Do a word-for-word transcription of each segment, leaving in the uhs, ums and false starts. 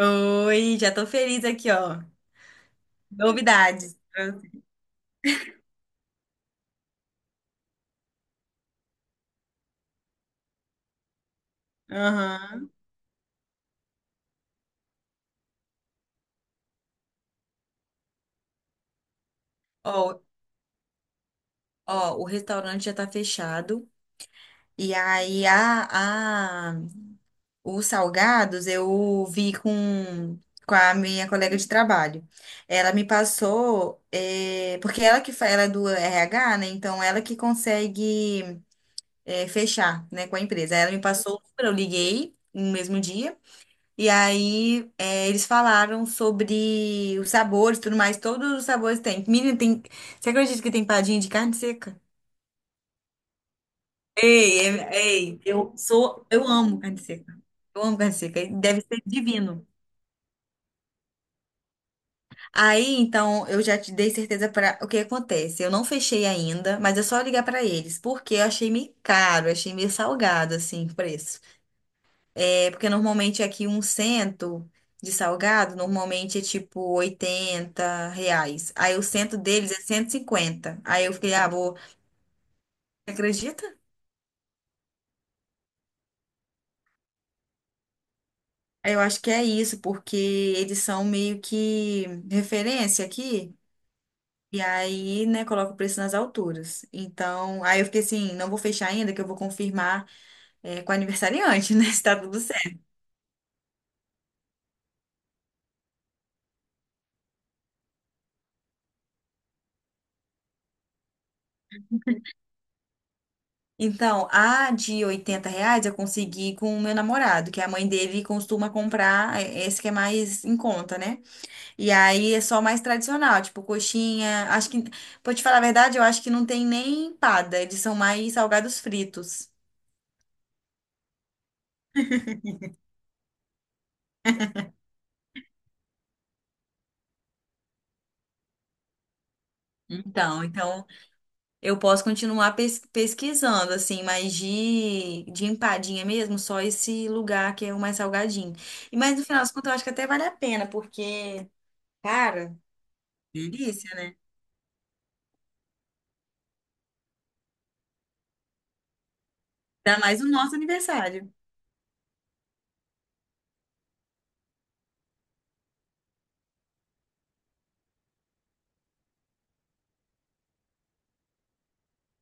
Oi, já tô feliz aqui, ó. Novidades. Pra Aham. Ó, ó, o restaurante já tá fechado. E aí, a, a, os salgados eu vi com, com a minha colega de trabalho. Ela me passou, eh, porque ela que fa- ela é do R H, né? Então, ela que consegue, eh, fechar, né, com a empresa. Aí ela me passou o número, eu liguei no mesmo dia. E aí, é, eles falaram sobre os sabores e tudo mais. Todos os sabores tem. Menina, tem. Você acredita que tem padinha de carne seca? Ei, é- ei, eu sou. Eu amo carne seca. Eu amo carne seca. Deve ser divino. Aí, então, eu já te dei certeza para o que acontece. Eu não fechei ainda, mas é só ligar para eles, porque eu achei meio caro, achei meio salgado, assim, o preço. É, porque normalmente aqui um cento de salgado, normalmente é tipo oitenta reais. Aí o cento deles é cento e cinquenta. Aí eu fiquei, ah, vou. Acredita? Eu acho que é isso, porque eles são meio que referência aqui. E aí, né, coloca o preço nas alturas. Então, aí eu fiquei assim, não vou fechar ainda, que eu vou confirmar, é, com o aniversariante, né? Se tá tudo. Então, a de oitenta reais eu consegui com o meu namorado, que a mãe dele costuma comprar é, esse que é mais em conta, né? E aí é só mais tradicional, tipo coxinha. Acho que, pra te falar a verdade, eu acho que não tem nem empada, eles são mais salgados fritos. Então, então eu posso continuar pes- pesquisando, assim, mas de, de empadinha mesmo, só esse lugar que é o mais salgadinho. E mas no final das contas, eu acho que até vale a pena, porque, cara. Sim. Delícia, né? Ainda mais o nosso aniversário.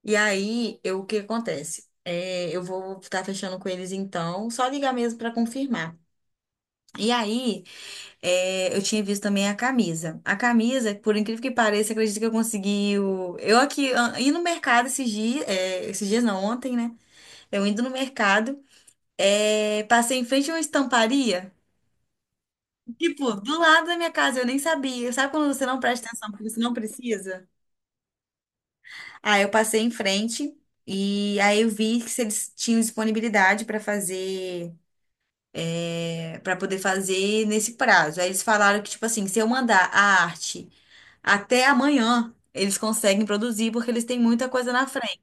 E aí, eu, o que acontece? É, eu vou estar fechando com eles então, só ligar mesmo para confirmar. E aí, é, eu tinha visto também a camisa. A camisa, por incrível que pareça, acredito que eu consegui. o- Eu aqui, ah, indo no mercado esses dias, é, esses dias não, ontem, né? Eu indo no mercado, é, passei em frente a uma estamparia, tipo, do lado da minha casa, eu nem sabia. Sabe quando você não presta atenção porque você não precisa? Aí eu passei em frente e aí eu vi que se eles tinham disponibilidade para fazer, é, para poder fazer nesse prazo. Aí eles falaram que, tipo assim, se eu mandar a arte até amanhã, eles conseguem produzir porque eles têm muita coisa na frente.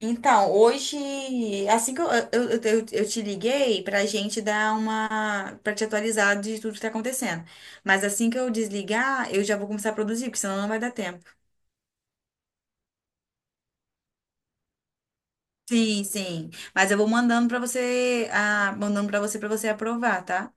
Então, hoje, assim que eu, eu, eu, eu- eu te liguei pra gente dar uma, pra te atualizar de tudo que tá acontecendo. Mas assim que eu desligar, eu já vou começar a produzir, porque senão não vai dar tempo. Sim, sim. Mas eu vou mandando para você, ah, mandando para você para você aprovar, tá?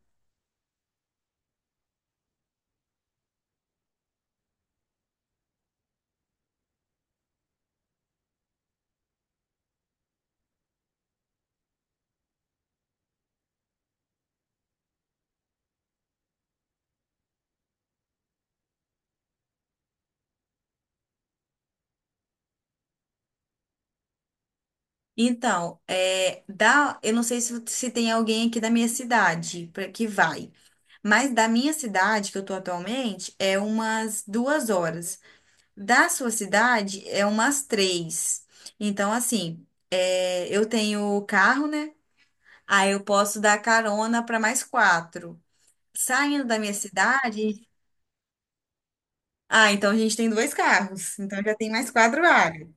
Então, é, dá, eu não sei se, se tem alguém aqui da minha cidade pra, que vai, mas da minha cidade que eu tô atualmente é umas duas horas. Da sua cidade é umas três. Então, assim, é, eu tenho carro, né? Aí eu posso dar carona para mais quatro. Saindo da minha cidade, ah, então a gente tem dois carros, então já tem mais quatro vagas.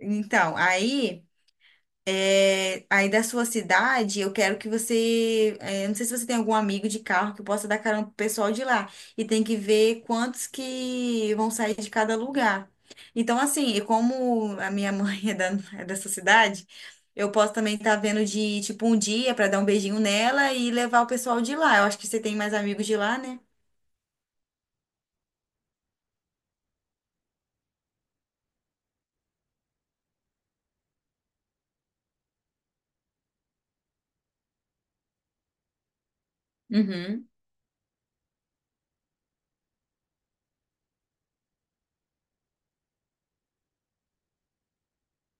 Então, aí, é, aí da sua cidade, eu quero que você, é, não sei se você tem algum amigo de carro que possa dar carona pro pessoal de lá. E tem que ver quantos que vão sair de cada lugar. Então, assim, e como a minha mãe é, da, é dessa cidade, eu posso também estar vendo de, tipo, um dia para dar um beijinho nela e levar o pessoal de lá. Eu acho que você tem mais amigos de lá, né? Uhum.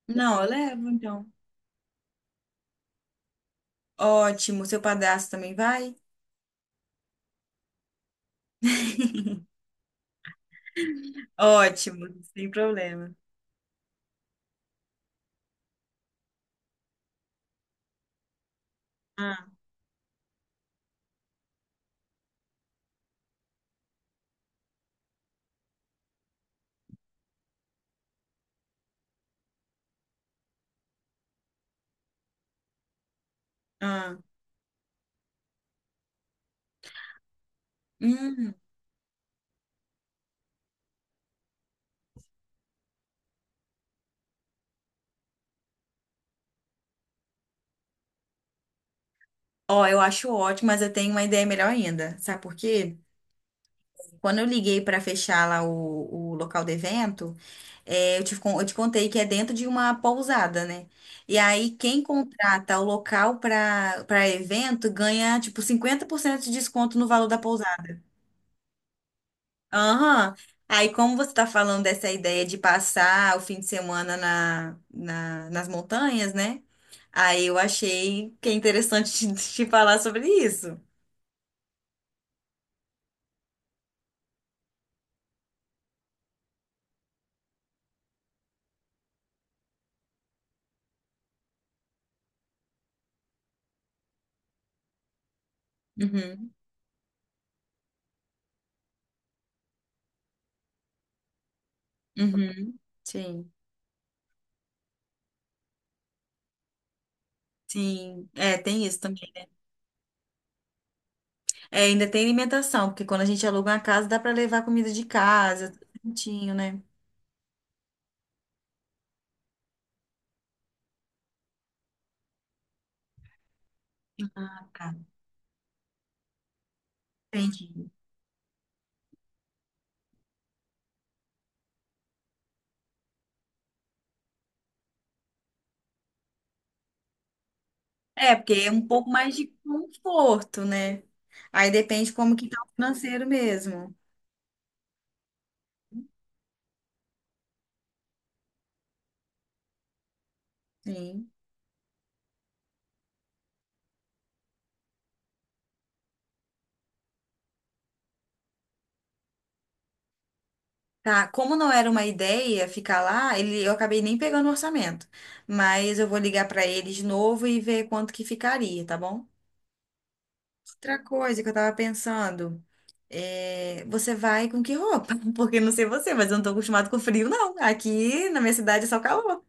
Não, eu levo, então. Ótimo, seu padrasto também vai? Ótimo, sem problema. Ah, ah. Hum. Ó, eu acho ótimo, mas eu tenho uma ideia melhor ainda. Sabe por quê? Quando eu liguei para fechar lá o, o local do evento, é, eu te, con- eu te contei que é dentro de uma pousada, né? E aí, quem contrata o local para para evento ganha, tipo, cinquenta por cento de desconto no valor da pousada. Aham. Aí, como você está falando dessa ideia de passar o fim de semana na, na- nas montanhas, né? Aí eu achei que é interessante te, te falar sobre isso. Uhum, uhum. Sim, sim. É, tem isso também. É, ainda tem alimentação, porque quando a gente aluga uma casa, dá para levar comida de casa, tudo certinho, né? Ah, entendi. É, porque é um pouco mais de conforto, né? Aí depende como que tá o financeiro mesmo. Sim. Tá, como não era uma ideia ficar lá, ele, eu acabei nem pegando o orçamento. Mas eu vou ligar pra ele de novo e ver quanto que ficaria, tá bom? Outra coisa que eu tava pensando, é, você vai com que roupa? Porque não sei você, mas eu não tô acostumado com frio, não. Aqui na minha cidade é só calor.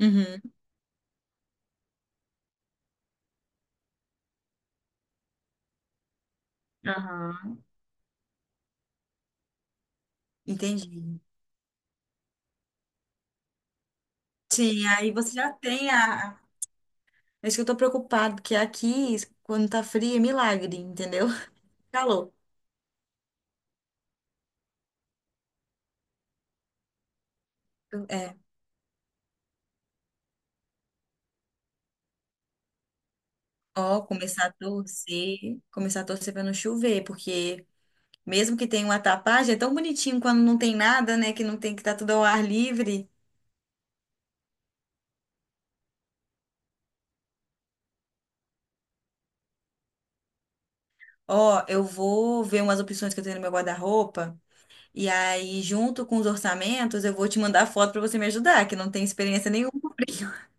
Uhum. Aham. Entendi. Sim, aí você já tem a. É isso que eu tô preocupado, porque aqui, quando tá frio, é milagre, entendeu? Calor. é Ó, começar a torcer, começar a torcer para não chover, porque mesmo que tenha uma tapagem, é tão bonitinho quando não tem nada, né? Que não tem que tá tudo ao ar livre. Ó, eu vou ver umas opções que eu tenho no meu guarda-roupa, e aí, junto com os orçamentos, eu vou te mandar foto para você me ajudar, que não tem experiência nenhuma com frio.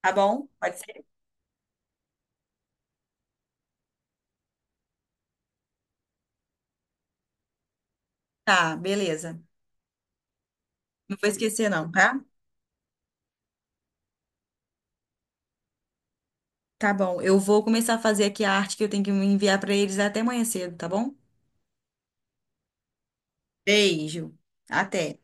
Tá bom? Pode ser? Tá, beleza. Não vou esquecer, não, tá? Tá bom. Eu vou começar a fazer aqui a arte que eu tenho que enviar para eles até amanhã cedo, tá bom? Beijo. Até.